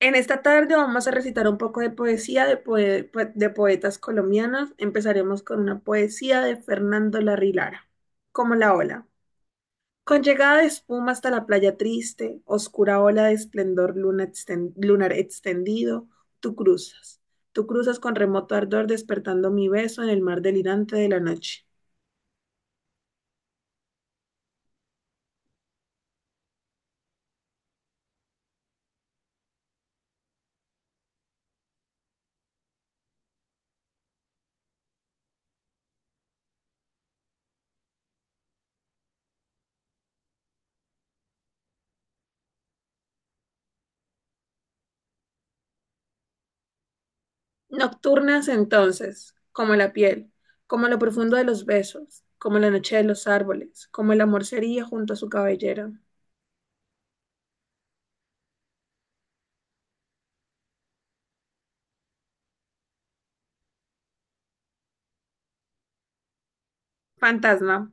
En esta tarde vamos a recitar un poco de poesía de poetas colombianos. Empezaremos con una poesía de Fernando Larrilara, como la ola. Con llegada de espuma hasta la playa triste, oscura ola de esplendor lunar extendido, tú cruzas. Tú cruzas con remoto ardor despertando mi beso en el mar delirante de la noche. Nocturnas entonces, como la piel, como lo profundo de los besos, como la noche de los árboles, como el amor sería junto a su cabellera. Fantasma.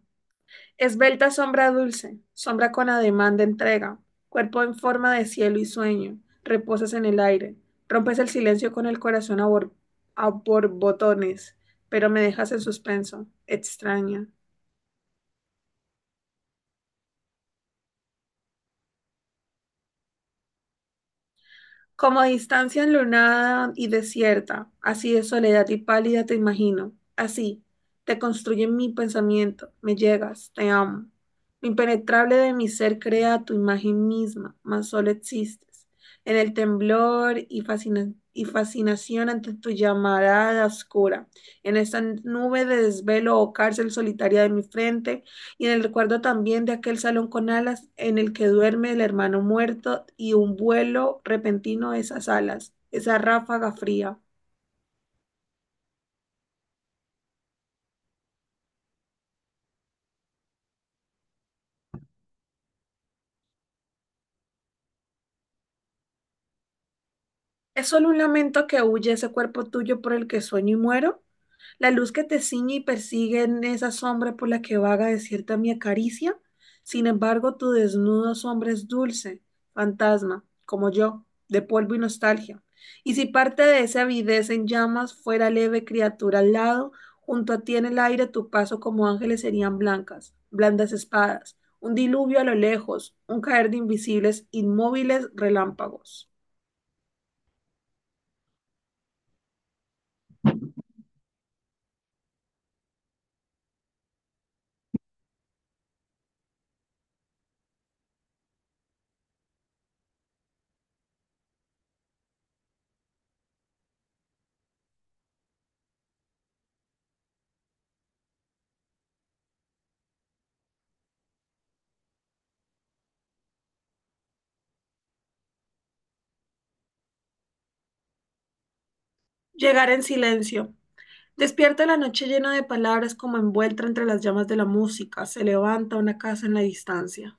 Esbelta sombra dulce, sombra con ademán de entrega, cuerpo en forma de cielo y sueño, reposas en el aire, rompes el silencio con el a borbotones, pero me dejas en suspenso, extraña. Como distancia enlunada y desierta, así de soledad y pálida te imagino. Así, te construye mi pensamiento, me llegas, te amo. Lo impenetrable de mi ser crea tu imagen misma, mas solo existes. En el temblor y fascinación ante tu llamarada oscura, en esta nube de desvelo o cárcel solitaria de mi frente, y en el recuerdo también de aquel salón con alas en el que duerme el hermano muerto y un vuelo repentino de esas alas, esa ráfaga fría. ¿Es solo un lamento que huye ese cuerpo tuyo por el que sueño y muero? La luz que te ciñe y persigue en esa sombra por la que vaga desierta mi acaricia. Sin embargo, tu desnudo sombra es dulce, fantasma, como yo, de polvo y nostalgia. Y si parte de esa avidez en llamas fuera leve criatura al lado, junto a ti en el aire tu paso como ángeles serían blancas, blandas espadas, un diluvio a lo lejos, un caer de invisibles, inmóviles relámpagos. Llegar en silencio. Despierta la noche llena de palabras como envuelta entre las llamas de la música, se levanta una casa en la distancia.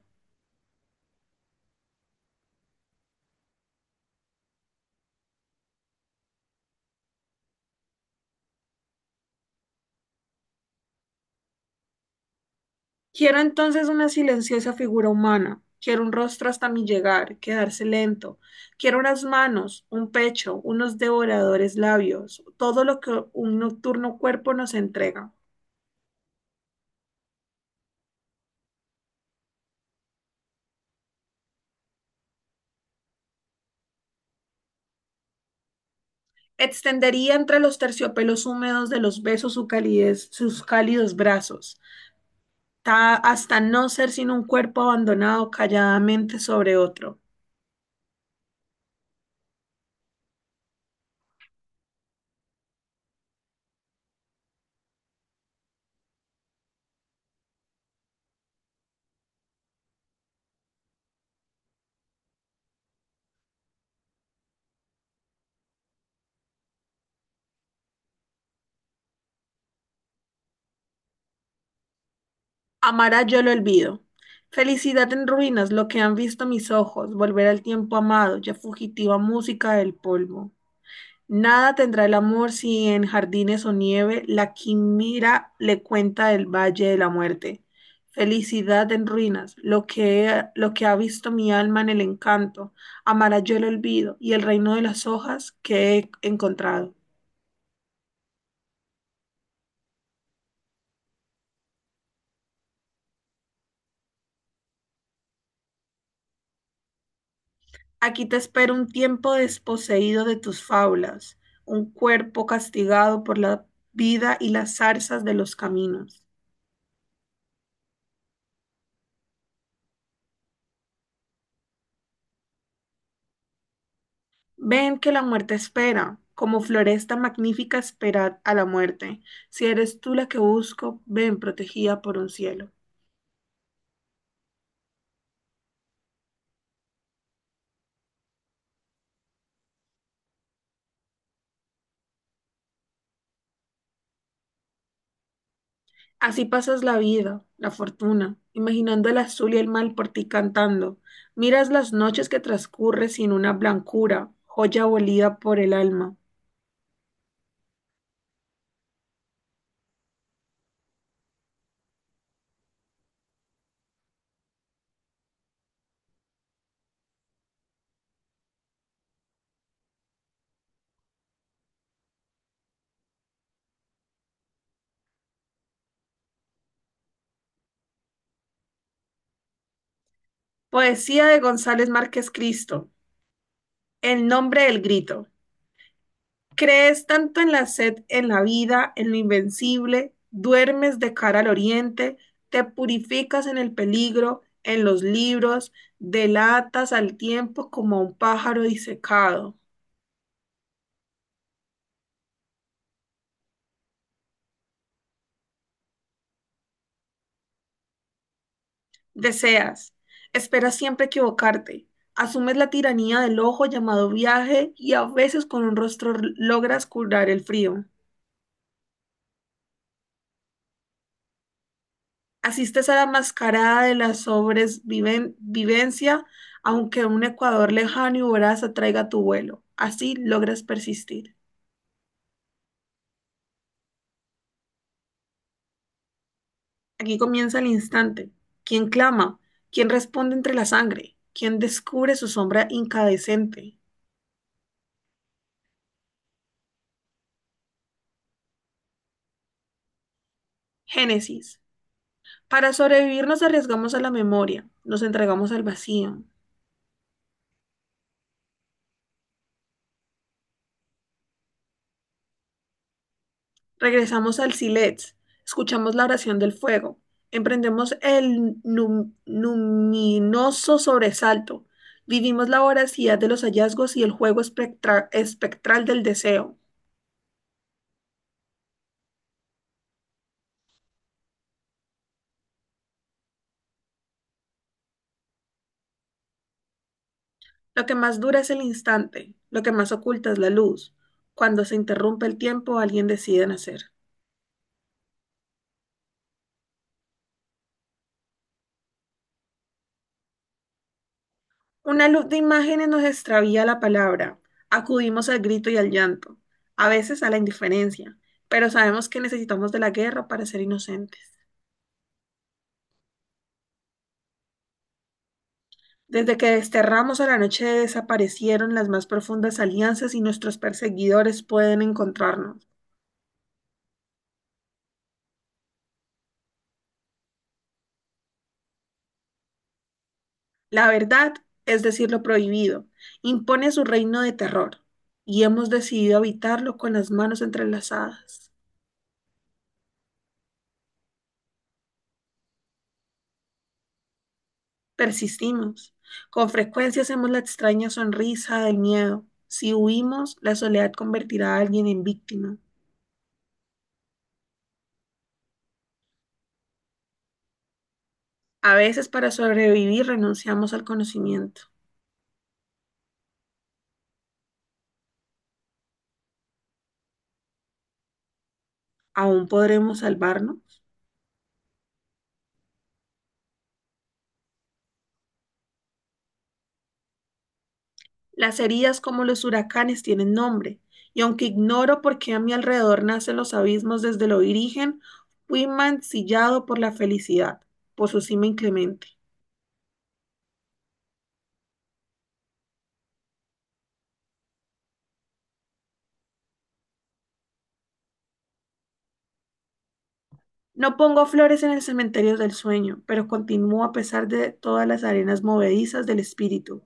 Quiero entonces una silenciosa figura humana, quiero un rostro hasta mi llegar, quedarse lento, quiero unas manos, un pecho, unos devoradores labios, todo lo que un nocturno cuerpo nos entrega. Extendería entre los terciopelos húmedos de los besos su calidez, sus cálidos brazos, hasta no ser sino un cuerpo abandonado calladamente sobre otro. Amará yo lo olvido. Felicidad en ruinas, lo que han visto mis ojos, volver al tiempo amado, ya fugitiva música del polvo. Nada tendrá el amor si en jardines o nieve la quimera le cuenta del valle de la muerte. Felicidad en ruinas, lo que ha visto mi alma en el encanto, amará yo el olvido y el reino de las hojas que he encontrado. Aquí te espera un tiempo desposeído de tus fábulas, un cuerpo castigado por la vida y las zarzas de los caminos. Ven que la muerte espera, como floresta magnífica esperad a la muerte. Si eres tú la que busco, ven protegida por un cielo. Así pasas la vida, la fortuna, imaginando el azul y el mal por ti cantando. Miras las noches que transcurre sin una blancura, joya abolida por el alma. Poesía de González Márquez Cristo. El nombre del grito. Crees tanto en la sed, en la vida, en lo invencible, duermes de cara al oriente, te purificas en el peligro, en los libros, delatas al tiempo como a un pájaro disecado. Deseas, esperas siempre equivocarte, asumes la tiranía del ojo llamado viaje y a veces con un rostro logras curar el frío. Asistes a la mascarada de la sobrevivencia, aunque un Ecuador lejano y voraz atraiga tu vuelo. Así logras persistir. Aquí comienza el instante. ¿Quién clama? ¿Quién responde entre la sangre? ¿Quién descubre su sombra incandescente? Génesis. Para sobrevivir nos arriesgamos a la memoria, nos entregamos al vacío. Regresamos al Silets, escuchamos la oración del fuego, emprendemos el luminoso sobresalto, vivimos la voracidad de los hallazgos y el espectral del deseo. Lo que más dura es el instante, lo que más oculta es la luz. Cuando se interrumpe el tiempo, alguien decide nacer. Una luz de imágenes nos extravía la palabra, acudimos al grito y al llanto, a veces a la indiferencia, pero sabemos que necesitamos de la guerra para ser inocentes. Desde que desterramos a la noche desaparecieron las más profundas alianzas y nuestros perseguidores pueden encontrarnos. La verdad, es decir, lo prohibido, impone su reino de terror y hemos decidido habitarlo con las manos entrelazadas. Persistimos. Con frecuencia hacemos la extraña sonrisa del miedo. Si huimos, la soledad convertirá a alguien en víctima. A veces para sobrevivir renunciamos al conocimiento. ¿Aún podremos salvarnos? Las heridas como los huracanes tienen nombre, y aunque ignoro por qué a mi alrededor nacen los abismos desde lo origen, fui mancillado por la felicidad, por su cima inclemente. No pongo flores en el cementerio del sueño, pero continúo a pesar de todas las arenas movedizas del espíritu.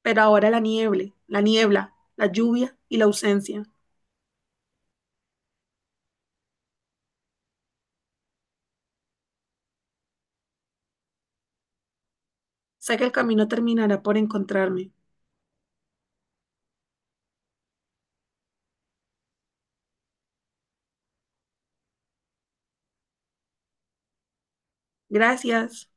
Pero ahora la niebla, la lluvia y la ausencia. Sé que el camino terminará por encontrarme. Gracias.